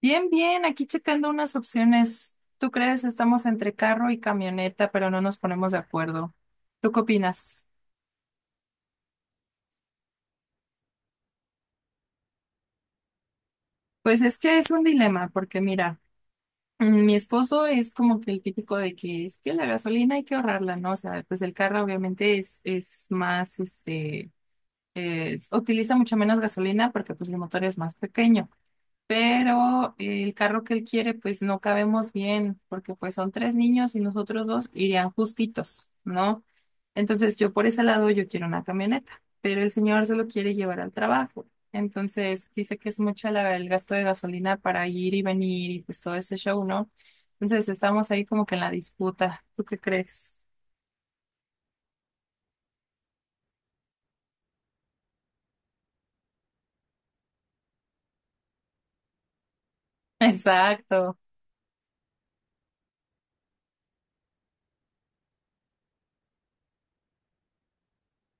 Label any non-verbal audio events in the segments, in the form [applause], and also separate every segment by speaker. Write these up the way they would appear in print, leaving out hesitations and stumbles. Speaker 1: Bien, bien, aquí checando unas opciones. ¿Tú crees? Estamos entre carro y camioneta, pero no nos ponemos de acuerdo. ¿Tú qué opinas? Pues es que es un dilema, porque mira, mi esposo es como que el típico de que es que la gasolina hay que ahorrarla, ¿no? O sea, pues el carro obviamente es más, utiliza mucho menos gasolina porque pues el motor es más pequeño. Pero el carro que él quiere, pues no cabemos bien, porque pues son tres niños y nosotros dos irían justitos, ¿no? Entonces yo por ese lado yo quiero una camioneta, pero el señor se lo quiere llevar al trabajo. Entonces dice que es mucha el gasto de gasolina para ir y venir y pues todo ese show, ¿no? Entonces estamos ahí como que en la disputa. ¿Tú qué crees? [laughs] Exacto.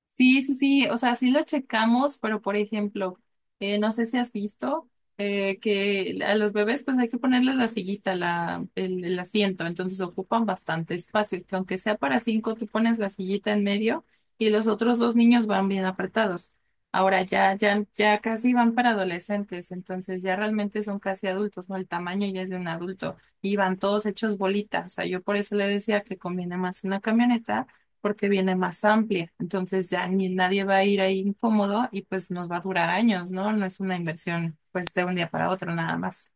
Speaker 1: Sí, sí, sí, o sea, sí lo checamos, pero por ejemplo, no sé si has visto que a los bebés pues hay que ponerles la sillita, el asiento, entonces ocupan bastante espacio, que aunque sea para cinco, tú pones la sillita en medio y los otros dos niños van bien apretados. Ahora ya, ya, ya casi van para adolescentes, entonces ya realmente son casi adultos, ¿no? El tamaño ya es de un adulto y van todos hechos bolitas, o sea, yo por eso le decía que conviene más una camioneta porque viene más amplia. Entonces ya ni nadie va a ir ahí incómodo y pues nos va a durar años, ¿no? No es una inversión pues de un día para otro nada más.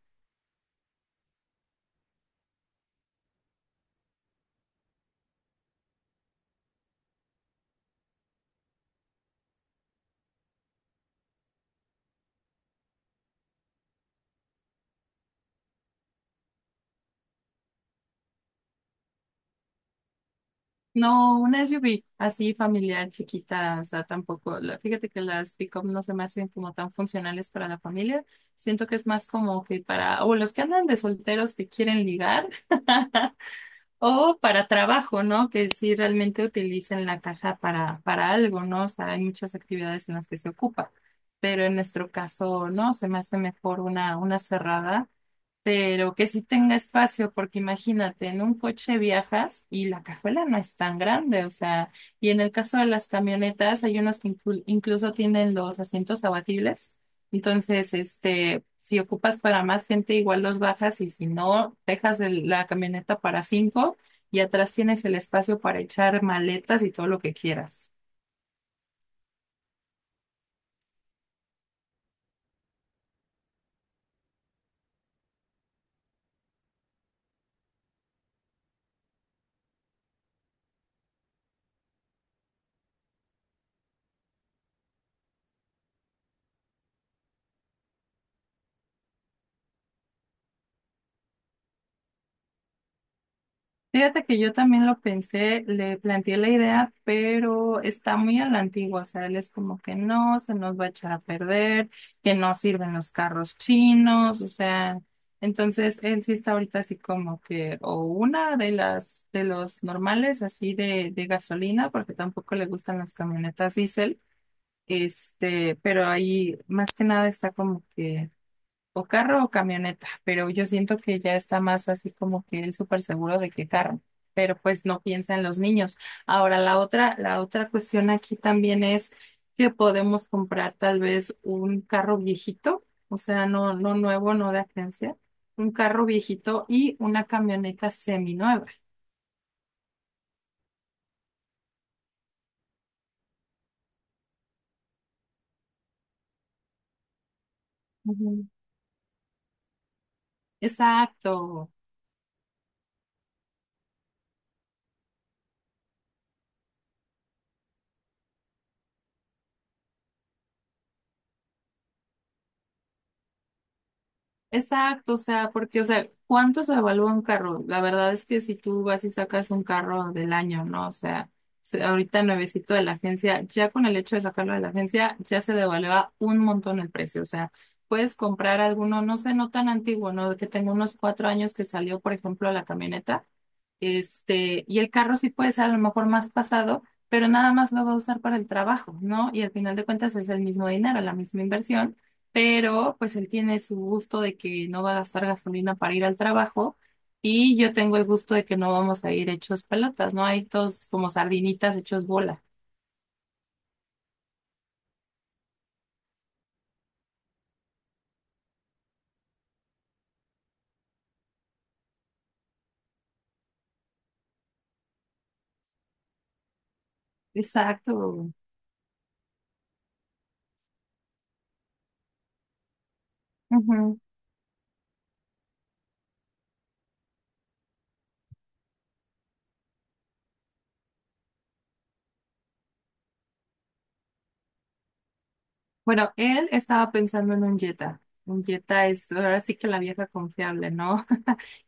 Speaker 1: No, una SUV así familiar, chiquita, o sea, tampoco, fíjate que las pick up no se me hacen como tan funcionales para la familia. Siento que es más como que para, o los que andan de solteros que quieren ligar. [laughs] O para trabajo, ¿no? Que si realmente utilicen la caja para algo, ¿no? O sea, hay muchas actividades en las que se ocupa, pero en nuestro caso, no, se me hace mejor una cerrada, pero que sí tenga espacio, porque imagínate, en un coche viajas y la cajuela no es tan grande, o sea, y en el caso de las camionetas, hay unos que incluso tienen los asientos abatibles. Entonces, si ocupas para más gente, igual los bajas y si no, dejas la camioneta para cinco y atrás tienes el espacio para echar maletas y todo lo que quieras. Fíjate que yo también lo pensé, le planteé la idea, pero está muy a la antigua, o sea, él es como que no, se nos va a echar a perder, que no sirven los carros chinos, o sea, entonces él sí está ahorita así como que, o una de las, de los normales así de gasolina, porque tampoco le gustan las camionetas diésel, pero ahí más que nada está como que o carro o camioneta, pero yo siento que ya está más así como que él súper seguro de que carro, pero pues no piensa en los niños. Ahora, la otra cuestión aquí también es que podemos comprar tal vez un carro viejito, o sea, no, no nuevo, no de agencia, un carro viejito y una camioneta seminueva. Ujú. Exacto. Exacto, o sea, porque, o sea, ¿cuánto se evalúa un carro? La verdad es que si tú vas y sacas un carro del año, ¿no? O sea, ahorita nuevecito de la agencia, ya con el hecho de sacarlo de la agencia, ya se devalúa un montón el precio. O sea, puedes comprar alguno, no sé, no tan antiguo, ¿no? Que tenga unos 4 años que salió, por ejemplo, la camioneta. Y el carro sí puede ser a lo mejor más pasado, pero nada más lo va a usar para el trabajo, ¿no? Y al final de cuentas es el mismo dinero, la misma inversión, pero pues él tiene su gusto de que no va a gastar gasolina para ir al trabajo y yo tengo el gusto de que no vamos a ir hechos pelotas, ¿no? Hay todos como sardinitas hechos bola. Exacto. Ujú. Bueno, él estaba pensando en un Jetta. Un Jetta es ahora sí que la vieja confiable, ¿no?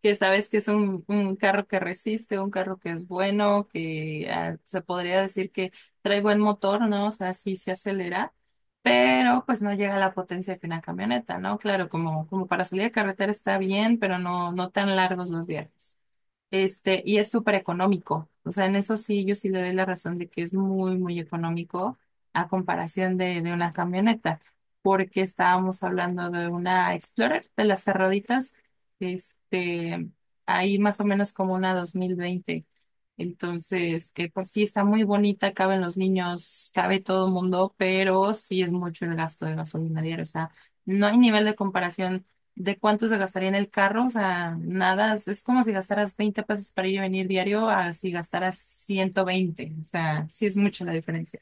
Speaker 1: Que sabes que es un carro que resiste, un carro que es bueno, que ah, se podría decir que trae buen motor, ¿no? O sea, sí se acelera, pero pues no llega a la potencia que una camioneta, ¿no? Claro, como, como para salir de carretera está bien, pero no, no tan largos los viajes. Y es súper económico. O sea, en eso sí, yo sí le doy la razón de que es muy, muy económico a comparación de una camioneta, porque estábamos hablando de una Explorer de las cerraditas, este, ahí más o menos como una 2020. Entonces, que pues sí está muy bonita, caben los niños, cabe todo el mundo, pero sí es mucho el gasto de gasolina diaria. O sea, no hay nivel de comparación. ¿De cuánto se gastaría en el carro? O sea, nada, es como si gastaras 20 pesos para ir y venir diario a si gastaras 120. O sea, sí es mucho la diferencia.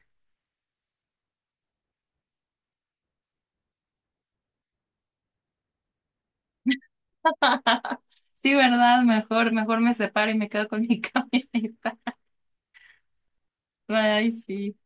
Speaker 1: [laughs] Sí, ¿verdad? Mejor, mejor me separo y me quedo con mi [laughs] camioneta. Ay, sí,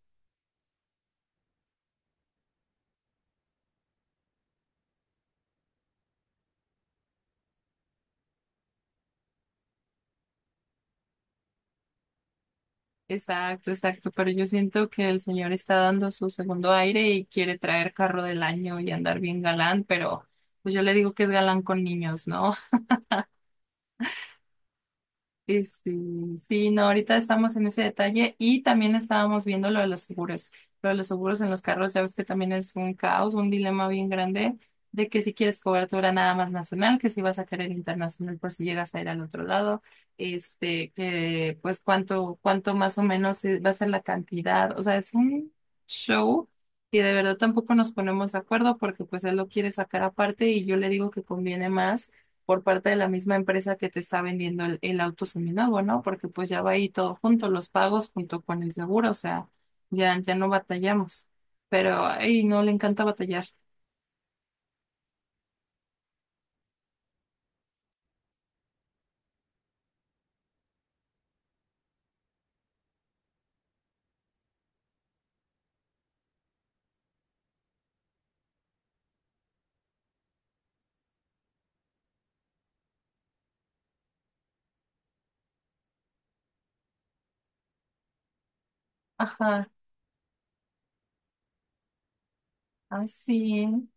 Speaker 1: exacto, exacto. Pero yo siento que el señor está dando su segundo aire y quiere traer carro del año y andar bien galán, pero pues yo le digo que es galán con niños, ¿no? Sí, sí, sí, no, ahorita estamos en ese detalle y también estábamos viendo lo de los seguros. Lo de los seguros en los carros, ya ves que también es un caos, un dilema bien grande de que si quieres cobertura nada más nacional, que si vas a querer internacional por si llegas a ir al otro lado, que pues cuánto más o menos va a ser la cantidad. O sea, es un show y de verdad tampoco nos ponemos de acuerdo porque pues él lo quiere sacar aparte y yo le digo que conviene más por parte de la misma empresa que te está vendiendo el auto seminuevo, ¿no? Porque pues ya va ahí todo junto, los pagos junto con el seguro, o sea, ya, ya no batallamos. Pero, ay, no, le encanta batallar. Ajá, ay, sí,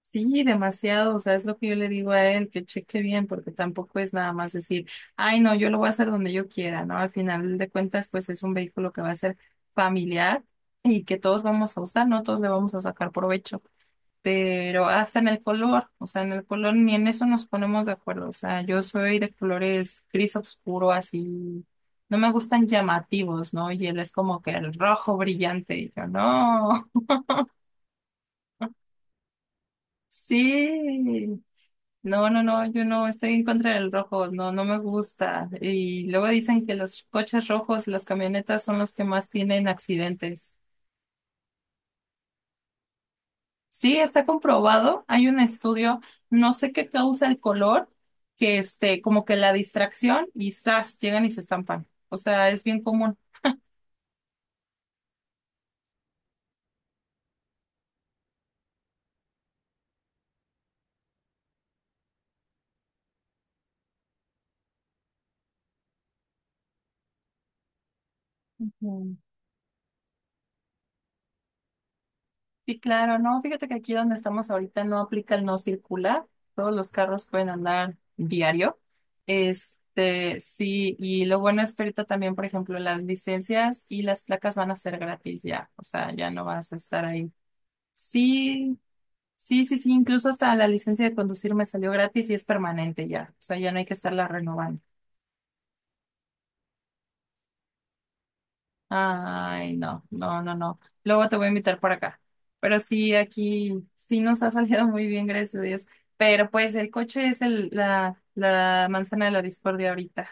Speaker 1: sí, demasiado, o sea, es lo que yo le digo a él, que cheque bien, porque tampoco es nada más decir, ay, no, yo lo voy a hacer donde yo quiera, ¿no? Al final de cuentas, pues es un vehículo que va a ser familiar y que todos vamos a usar, ¿no? Todos le vamos a sacar provecho. Pero hasta en el color, o sea, en el color ni en eso nos ponemos de acuerdo, o sea, yo soy de colores gris oscuro, así, no me gustan llamativos, ¿no? Y él es como que el rojo brillante, y yo, no, [laughs] sí, no, no, no, yo no estoy en contra del rojo, no, no me gusta. Y luego dicen que los coches rojos, las camionetas son los que más tienen accidentes. Sí, está comprobado. Hay un estudio, no sé qué causa el color, que como que la distracción y zas, llegan y se estampan. O sea, es bien común. Mm. Sí, claro, no, fíjate que aquí donde estamos ahorita no aplica el no circular. Todos los carros pueden andar diario. Sí, y lo bueno es que ahorita también, por ejemplo, las licencias y las placas van a ser gratis ya. O sea, ya no vas a estar ahí. Sí, sí, sí, sí, incluso hasta la licencia de conducir me salió gratis y es permanente ya. O sea, ya no hay que estarla renovando. Ay, no, no, no, no. Luego te voy a invitar por acá. Pero sí, aquí sí nos ha [laughs] salido muy bien, gracias a Dios. Pero pues el coche es la manzana de la discordia ahorita.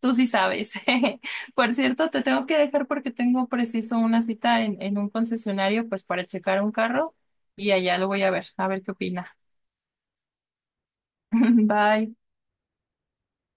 Speaker 1: Tú sí sabes. [laughs] Por cierto, te tengo que dejar porque tengo preciso una cita en un concesionario, pues para checar un carro y allá lo voy a ver qué opina. [laughs] Bye.